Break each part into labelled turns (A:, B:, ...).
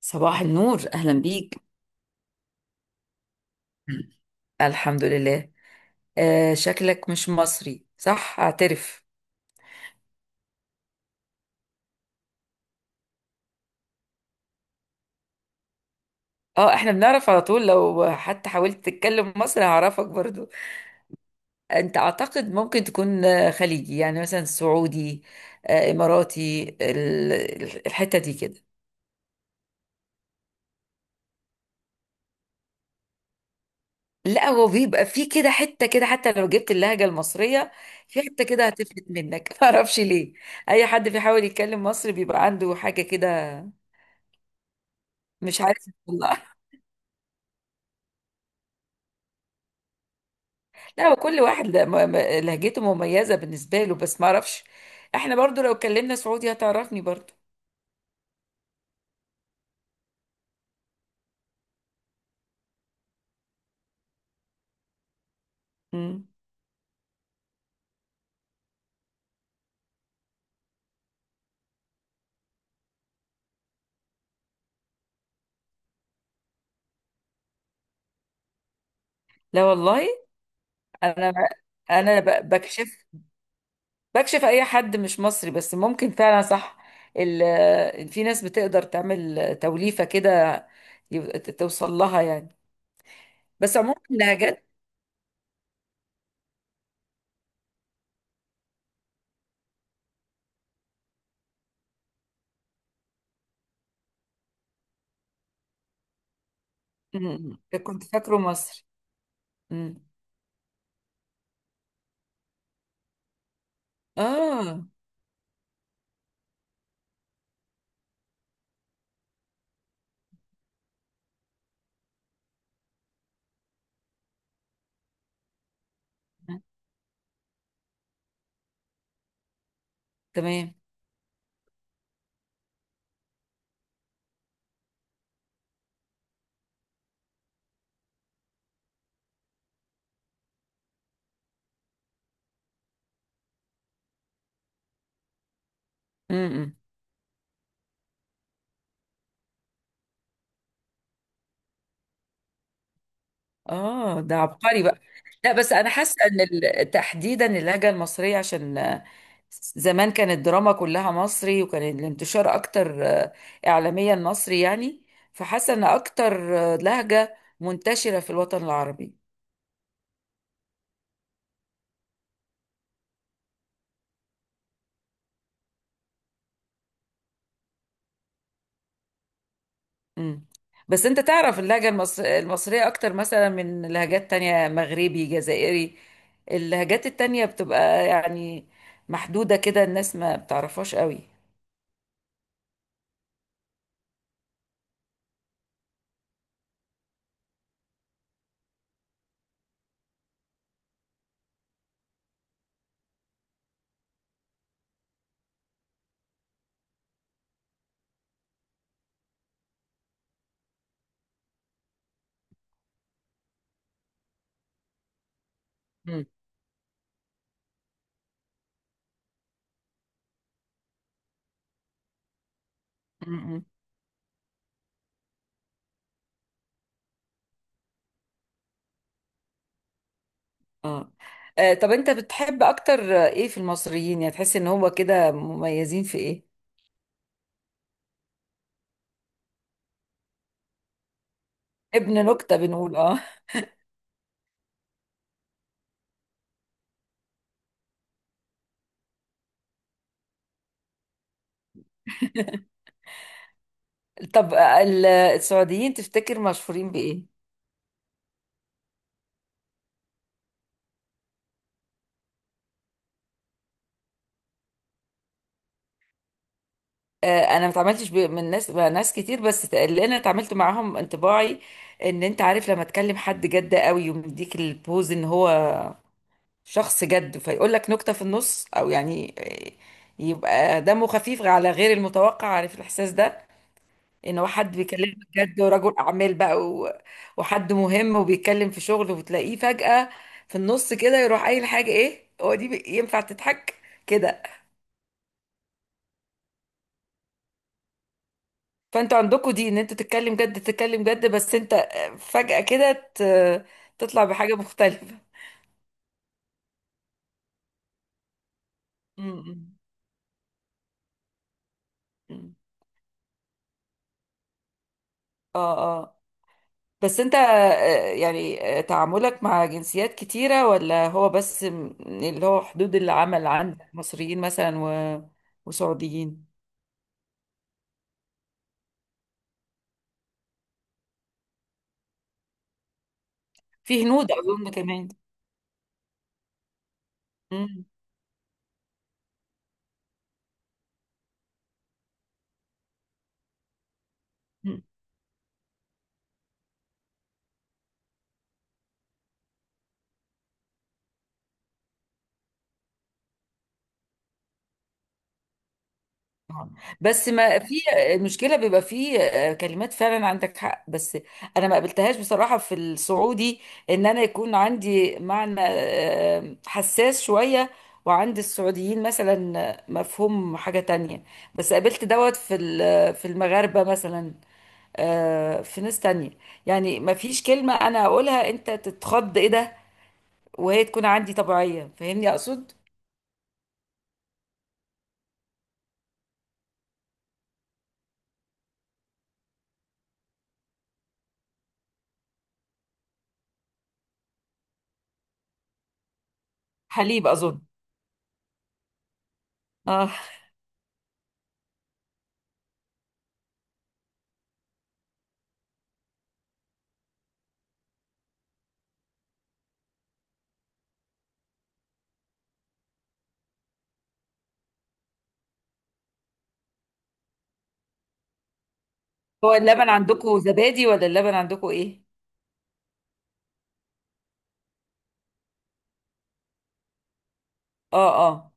A: صباح النور، أهلا بيك. الحمد لله. آه، شكلك مش مصري، صح؟ اعترف. اه، احنا بنعرف على طول، لو حتى حاولت تتكلم مصري هعرفك برضو. انت اعتقد ممكن تكون خليجي، يعني مثلا سعودي، اماراتي، الحتة دي كده. لا، هو بيبقى في كده حتة كده حتى لو جبت اللهجة المصرية. في حتة كده هتفلت منك ما اعرفش ليه. اي حد بيحاول يتكلم مصري بيبقى عنده حاجة كده. مش عارف والله. لا، هو كل واحد لهجته مميزة بالنسبة له، بس ما اعرفش. احنا برضو لو اتكلمنا سعودي هتعرفني برضو. مم. لا، والله. انا انا بكشف اي حد مش مصري، بس ممكن فعلا صح. في ناس بتقدر تعمل توليفة كده، توصل لها يعني. بس عموما اللهجات. مم. كنت فاكره مصري. مم. اه. تمام. مم. اه، ده عبقري بقى. لا، بس انا حاسه ان تحديدا اللهجه المصريه، عشان زمان كانت الدراما كلها مصري، وكان الانتشار اكتر اعلاميا مصري يعني. فحاسه ان اكتر لهجه منتشره في الوطن العربي. امم. بس انت تعرف اللهجه المصريه اكتر مثلا من لهجات تانية، مغربي، جزائري. اللهجات التانية بتبقى يعني محدوده كده، الناس ما بتعرفهاش قوي. مم. اه. طب انت بتحب اكتر ايه في المصريين، يعني تحس ان هو كده مميزين في ايه؟ ابن نكتة، بنقول اه. طب، السعوديين تفتكر مشهورين بايه؟ انا ما اتعاملتش من ناس، مع ناس كتير، بس اللي انا اتعاملت معاهم انطباعي ان انت عارف لما تكلم حد جد قوي ومديك البوز ان هو شخص جد فيقول لك نكتة في النص، او يعني يبقى دمه خفيف على غير المتوقع، عارف الاحساس ده؟ ان هو حد بيكلمك جد ورجل اعمال بقى وحد مهم وبيتكلم في شغل، وتلاقيه فجأة في النص كده يروح قايل حاجة، ايه هو دي ينفع تضحك كده؟ فانتوا عندكم دي، ان انتوا تتكلم جد، تتكلم جد، بس انت فجأة كده تطلع بحاجة مختلفة م- م- م. اه، اه. بس انت، يعني تعاملك مع جنسيات كتيرة، ولا هو بس اللي هو حدود العمل عندك مصريين مثلا وسعوديين. في هنود اظن كمان. مم. مم. آه. بس ما في المشكله، بيبقى في كلمات، فعلا عندك حق، بس انا ما قابلتهاش بصراحه في السعودي، ان انا يكون عندي معنى حساس شويه، وعند السعوديين مثلا مفهوم حاجه تانية. بس قابلت دوت في المغاربه مثلا، في ناس تانية، يعني ما فيش كلمه انا اقولها انت تتخض، ايه ده، وهي تكون عندي طبيعيه، فاهمني اقصد؟ حليب اظن. اه. هو اللبن عندكم زبادي، ولا اللبن عندكم ايه؟ اه، اه.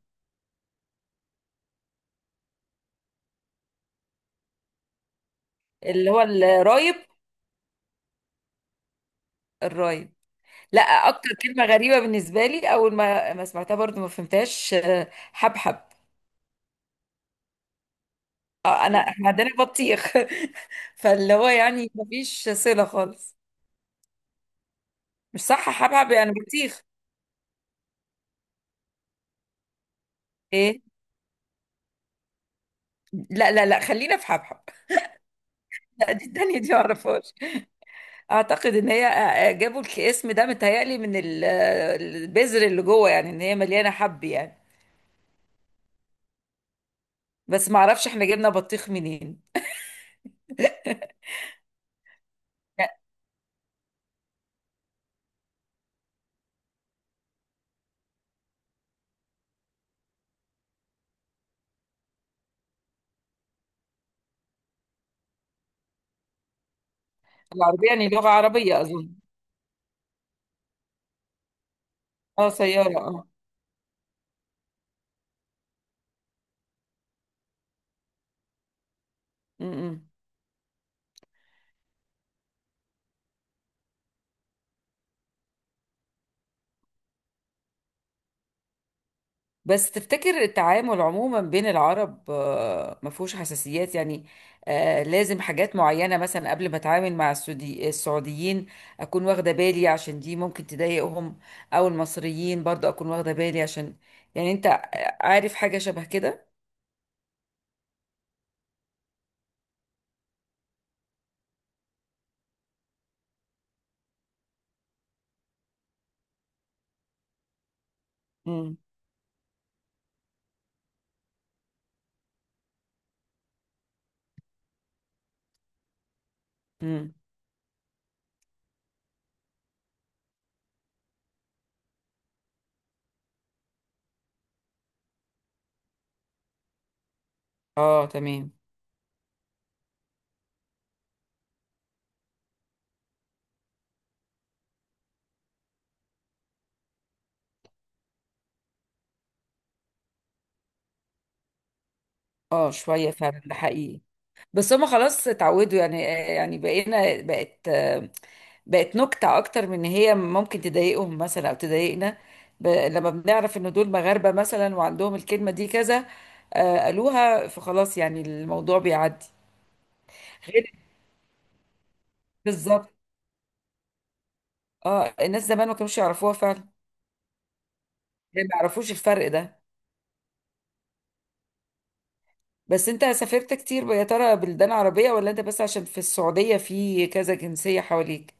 A: اللي هو الرايب. الرايب. لا، اكتر كلمة غريبة بالنسبة لي اول ما سمعتها برضو ما فهمتهاش، حبحب. آه انا احنا عندنا بطيخ فاللي هو يعني ما فيش صلة خالص. مش صح؟ حبحب يعني بطيخ. ايه. لا لا لا، خلينا في حبحب. لا، دي التانية دي ما اعرفهاش. اعتقد ان هي، جابوا الاسم ده متهيألي من البذر اللي جوه، يعني ان هي مليانة حب يعني. بس ما اعرفش احنا جبنا بطيخ منين. العربية يعني لغة عربية اظن. اه، سيارة، اه. م-م. بس تفتكر التعامل عموما بين العرب ما فيهوش حساسيات يعني؟ آه، لازم حاجات معينة مثلا قبل ما اتعامل مع السعوديين اكون واخدة بالي عشان دي ممكن تضايقهم، او المصريين برضه اكون واخدة بالي عشان، يعني انت عارف حاجة شبه كده؟ امم. اه، تمام. اه، شوية فعلا، ده حقيقي، بس هما خلاص اتعودوا يعني. يعني بقينا بقت بقت نكتة أكتر من إن هي ممكن تضايقهم مثلا أو تضايقنا. لما بنعرف إن دول مغاربة مثلا وعندهم الكلمة دي كذا، قالوها فخلاص، يعني الموضوع بيعدي. غير. بالظبط. اه، الناس زمان ما كانوش يعرفوها فعلا، يعني ما يعرفوش الفرق ده. بس أنت سافرت كتير يا ترى بلدان عربية، ولا أنت بس عشان في السعودية في كذا جنسية حواليك؟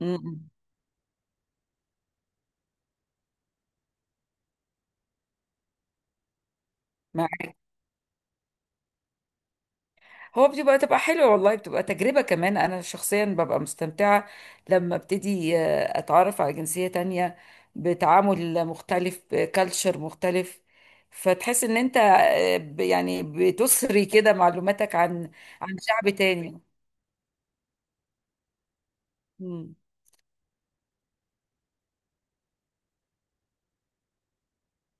A: م- م. هو تبقى حلوة، والله بتبقى تجربة كمان، أنا شخصيا ببقى مستمتعة لما ابتدي أتعرف على جنسية تانية، بتعامل مختلف، بكالتشر مختلف. فتحس إن أنت يعني بتسري كده معلوماتك عن شعب تاني. مم.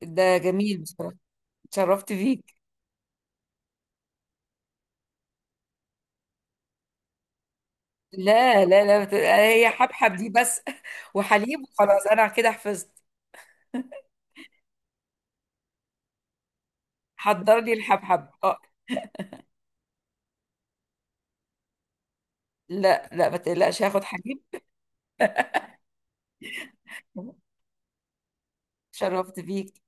A: ده جميل بصراحة. اتشرفت بيك. لا لا لا، هي حبحب دي بس وحليب، وخلاص أنا كده حفظت. حضر لي الحبحب، اه. لا لا، ما تقلقش، هاخد حليب. اتشرفت بيك.